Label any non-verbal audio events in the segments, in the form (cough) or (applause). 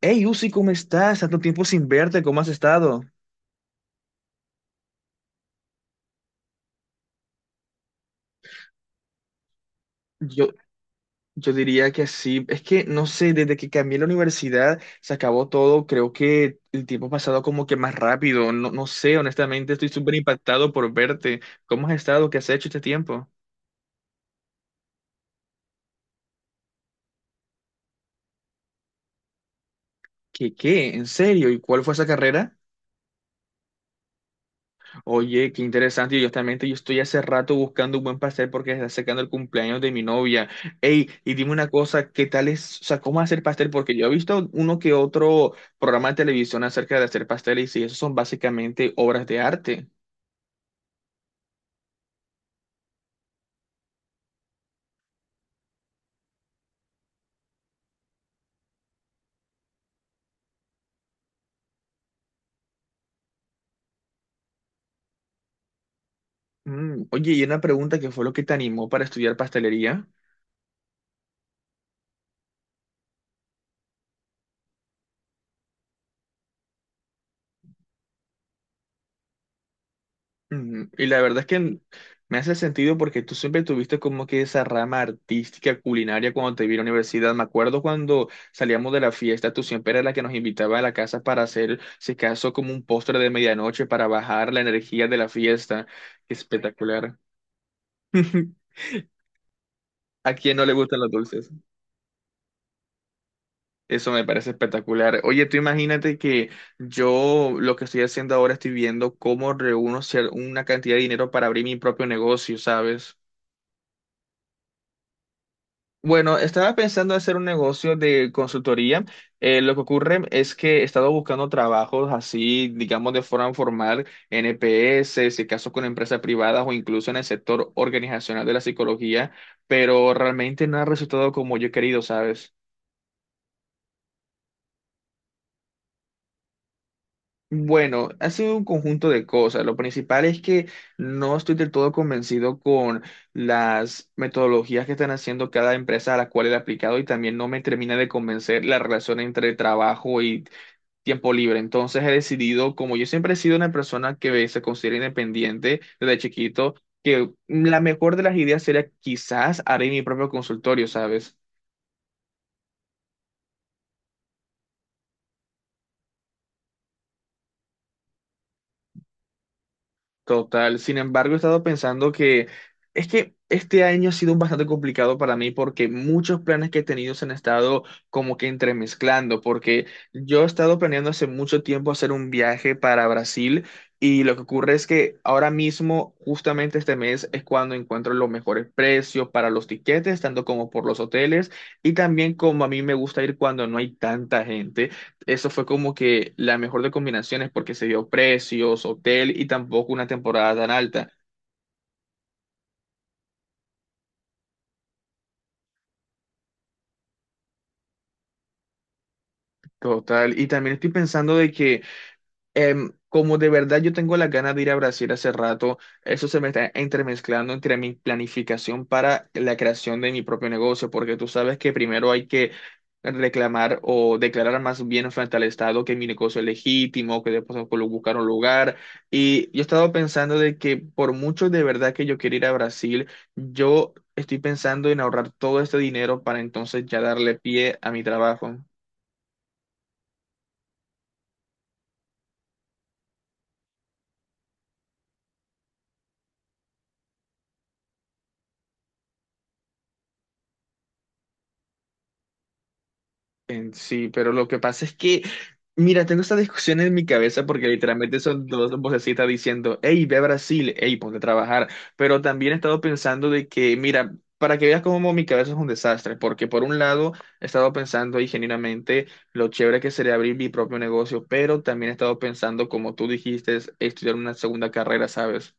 Hey, Uzi, ¿cómo estás? Tanto tiempo sin verte, ¿cómo has estado? Yo, yo diría que sí. Es que, no sé, desde que cambié la universidad se acabó todo. Creo que el tiempo ha pasado como que más rápido. No sé, honestamente, estoy súper impactado por verte. ¿Cómo has estado? ¿Qué has hecho este tiempo? ¿Qué? ¿En serio? ¿Y cuál fue esa carrera? Oye, qué interesante. Yo Justamente yo estoy hace rato buscando un buen pastel porque se está acercando el cumpleaños de mi novia. Ey, y dime una cosa, ¿qué tal es, o sea, cómo hacer pastel? Porque yo he visto uno que otro programa de televisión acerca de hacer pasteles y esos son básicamente obras de arte. Oye, y una pregunta, ¿qué fue lo que te animó para estudiar pastelería? Ujú. Y la verdad es que me hace sentido porque tú siempre tuviste como que esa rama artística culinaria cuando te vi en la universidad. Me acuerdo cuando salíamos de la fiesta, tú siempre eras la que nos invitaba a la casa para hacer, si acaso, como un postre de medianoche para bajar la energía de la fiesta. Qué espectacular. (laughs) ¿A quién no le gustan los dulces? Eso me parece espectacular. Oye, tú imagínate que yo lo que estoy haciendo ahora estoy viendo cómo reúno una cantidad de dinero para abrir mi propio negocio, ¿sabes? Bueno, estaba pensando hacer un negocio de consultoría. Lo que ocurre es que he estado buscando trabajos así, digamos, de forma formal, en EPS, si acaso con empresas privadas o incluso en el sector organizacional de la psicología, pero realmente no ha resultado como yo he querido, ¿sabes? Bueno, ha sido un conjunto de cosas. Lo principal es que no estoy del todo convencido con las metodologías que están haciendo cada empresa a la cual he aplicado y también no me termina de convencer la relación entre trabajo y tiempo libre. Entonces he decidido, como yo siempre he sido una persona que se considera independiente desde chiquito, que la mejor de las ideas sería quizás haré mi propio consultorio, ¿sabes? Total. Sin embargo, he estado pensando que es que este año ha sido bastante complicado para mí porque muchos planes que he tenido se han estado como que entremezclando, porque yo he estado planeando hace mucho tiempo hacer un viaje para Brasil y lo que ocurre es que ahora mismo, justamente este mes, es cuando encuentro los mejores precios para los tiquetes, tanto como por los hoteles y también como a mí me gusta ir cuando no hay tanta gente, eso fue como que la mejor de combinaciones porque se dio precios, hotel y tampoco una temporada tan alta. Total. Y también estoy pensando de que como de verdad yo tengo la ganas de ir a Brasil hace rato, eso se me está entremezclando entre mi planificación para la creación de mi propio negocio, porque tú sabes que primero hay que reclamar o declarar más bien frente al Estado que mi negocio es legítimo, que después puedo buscar un lugar. Y yo he estado pensando de que por mucho de verdad que yo quiero ir a Brasil, yo estoy pensando en ahorrar todo este dinero para entonces ya darle pie a mi trabajo. En sí, pero lo que pasa es que, mira, tengo esta discusión en mi cabeza porque literalmente son dos vocecitas diciendo, hey, ve a Brasil, hey, ponte a trabajar. Pero también he estado pensando de que, mira, para que veas cómo mi cabeza es un desastre, porque por un lado he estado pensando ahí genuinamente lo chévere que sería abrir mi propio negocio, pero también he estado pensando, como tú dijiste, es estudiar una segunda carrera, ¿sabes?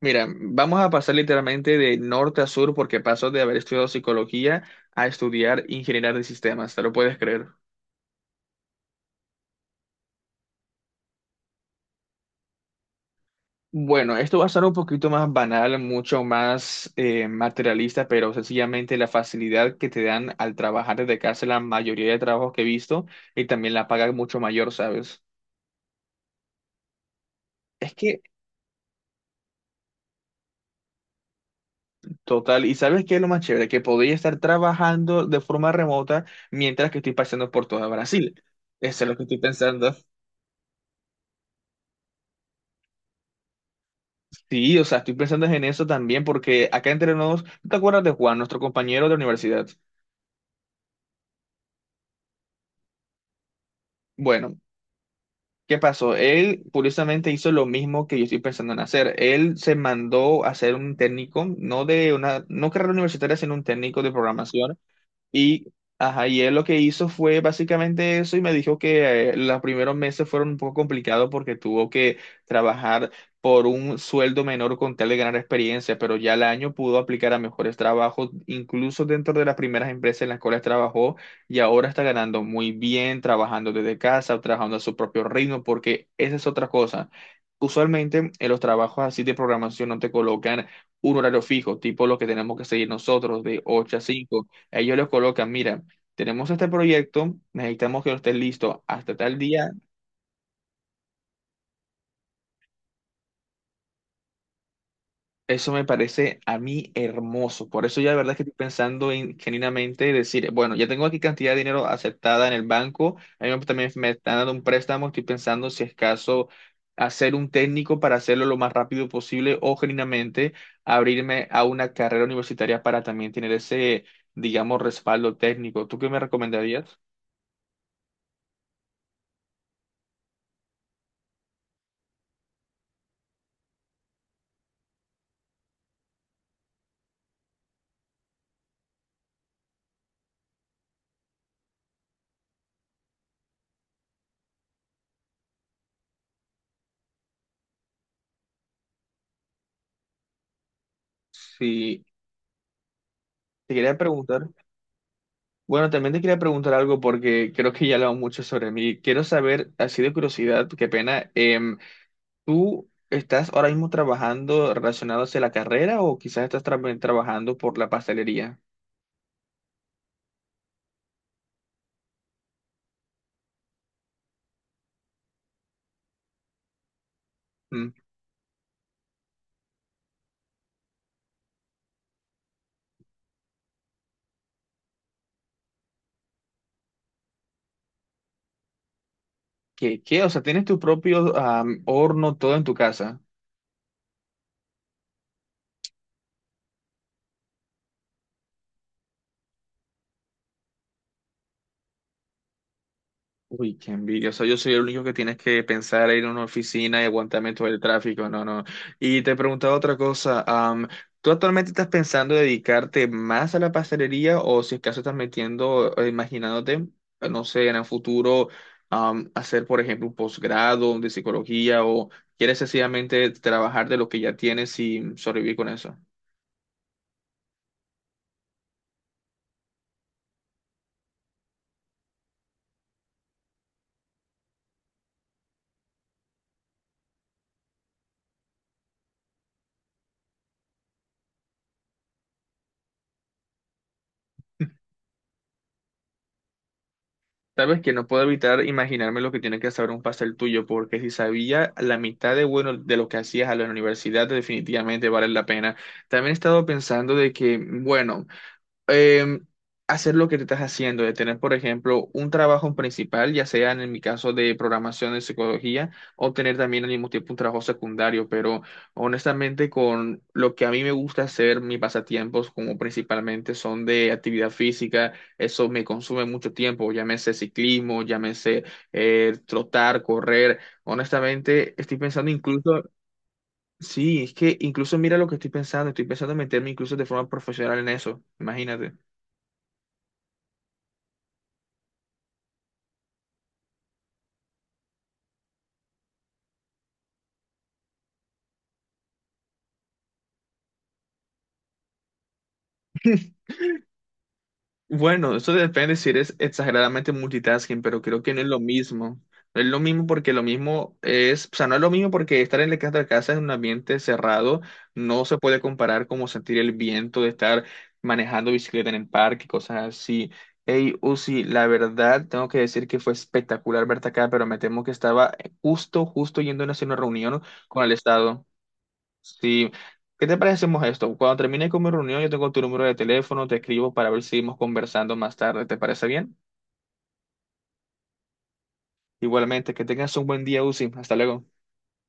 Mira, vamos a pasar literalmente de norte a sur porque paso de haber estudiado psicología a estudiar ingeniería de sistemas, ¿te lo puedes creer? Bueno, esto va a ser un poquito más banal, mucho más materialista, pero sencillamente la facilidad que te dan al trabajar desde casa la mayoría de trabajos que he visto y también la paga es mucho mayor, ¿sabes? Es que, total, ¿y sabes qué es lo más chévere? Que podría estar trabajando de forma remota mientras que estoy pasando por todo Brasil. Eso es lo que estoy pensando. Sí, o sea, estoy pensando en eso también porque acá entre nos, ¿tú ¿te acuerdas de Juan, nuestro compañero de universidad? Bueno, ¿qué pasó? Él curiosamente hizo lo mismo que yo estoy pensando en hacer. Él se mandó a hacer un técnico, no carrera universitaria, sino un técnico de programación y, ajá, y él lo que hizo fue básicamente eso y me dijo que los primeros meses fueron un poco complicados porque tuvo que trabajar por un sueldo menor con tal de ganar experiencia, pero ya al año pudo aplicar a mejores trabajos, incluso dentro de las primeras empresas en las cuales trabajó y ahora está ganando muy bien, trabajando desde casa, trabajando a su propio ritmo, porque esa es otra cosa. Usualmente en los trabajos así de programación no te colocan un horario fijo, tipo lo que tenemos que seguir nosotros de ocho a cinco, ellos los colocan, mira, tenemos este proyecto, necesitamos que lo estés listo hasta tal día. Eso me parece a mí hermoso. Por eso ya de verdad es que estoy pensando en, genuinamente decir, bueno, ya tengo aquí cantidad de dinero aceptada en el banco, a mí también me están dando un préstamo, estoy pensando si es caso hacer un técnico para hacerlo lo más rápido posible o genuinamente abrirme a una carrera universitaria para también tener ese, digamos, respaldo técnico. ¿Tú qué me recomendarías? Sí, te quería preguntar. Bueno, también te quería preguntar algo porque creo que ya he hablado mucho sobre mí. Quiero saber, así de curiosidad, qué pena, ¿tú estás ahora mismo trabajando relacionado hacia la carrera o quizás estás trabajando por la pastelería? Mm, ¿Qué? O sea, ¿tienes tu propio horno todo en tu casa? Uy, qué envidia. O sea, yo soy el único que tienes que pensar en ir a una oficina y aguantarme todo el tráfico. No, no. Y te preguntaba otra cosa. ¿Tú actualmente estás pensando dedicarte más a la pastelería o si es caso estás metiendo, imaginándote, no sé, en el futuro, hacer, por ejemplo, un posgrado de psicología o quieres sencillamente trabajar de lo que ya tienes y sobrevivir con eso? Sabes que no puedo evitar imaginarme lo que tiene que saber un pastel tuyo, porque si sabía la mitad de bueno de lo que hacías a la universidad, definitivamente vale la pena. También he estado pensando de que, bueno, eh, hacer lo que te estás haciendo, de tener, por ejemplo, un trabajo principal, ya sea en mi caso de programación de psicología, o tener también al mismo tiempo un trabajo secundario, pero honestamente con lo que a mí me gusta hacer, mis pasatiempos como principalmente son de actividad física, eso me consume mucho tiempo, llámese ciclismo, llámese trotar, correr, honestamente estoy pensando incluso... Sí, es que incluso mira lo que estoy pensando en meterme incluso de forma profesional en eso, imagínate. (laughs) Bueno, eso depende si eres exageradamente multitasking, pero creo que no es lo mismo. No es lo mismo porque lo mismo es, o sea, no es lo mismo porque estar en la casa de casa en un ambiente cerrado no se puede comparar como sentir el viento de estar manejando bicicleta en el parque, cosas así. Hey, Uzi, la verdad, tengo que decir que fue espectacular verte acá, pero me temo que estaba justo yendo a hacer una reunión con el Estado. Sí, ¿qué te parece si hacemos esto? Cuando termine con mi reunión, yo tengo tu número de teléfono, te escribo para ver si seguimos conversando más tarde, ¿te parece bien? Igualmente, que tengas un buen día, Uzi. Hasta luego.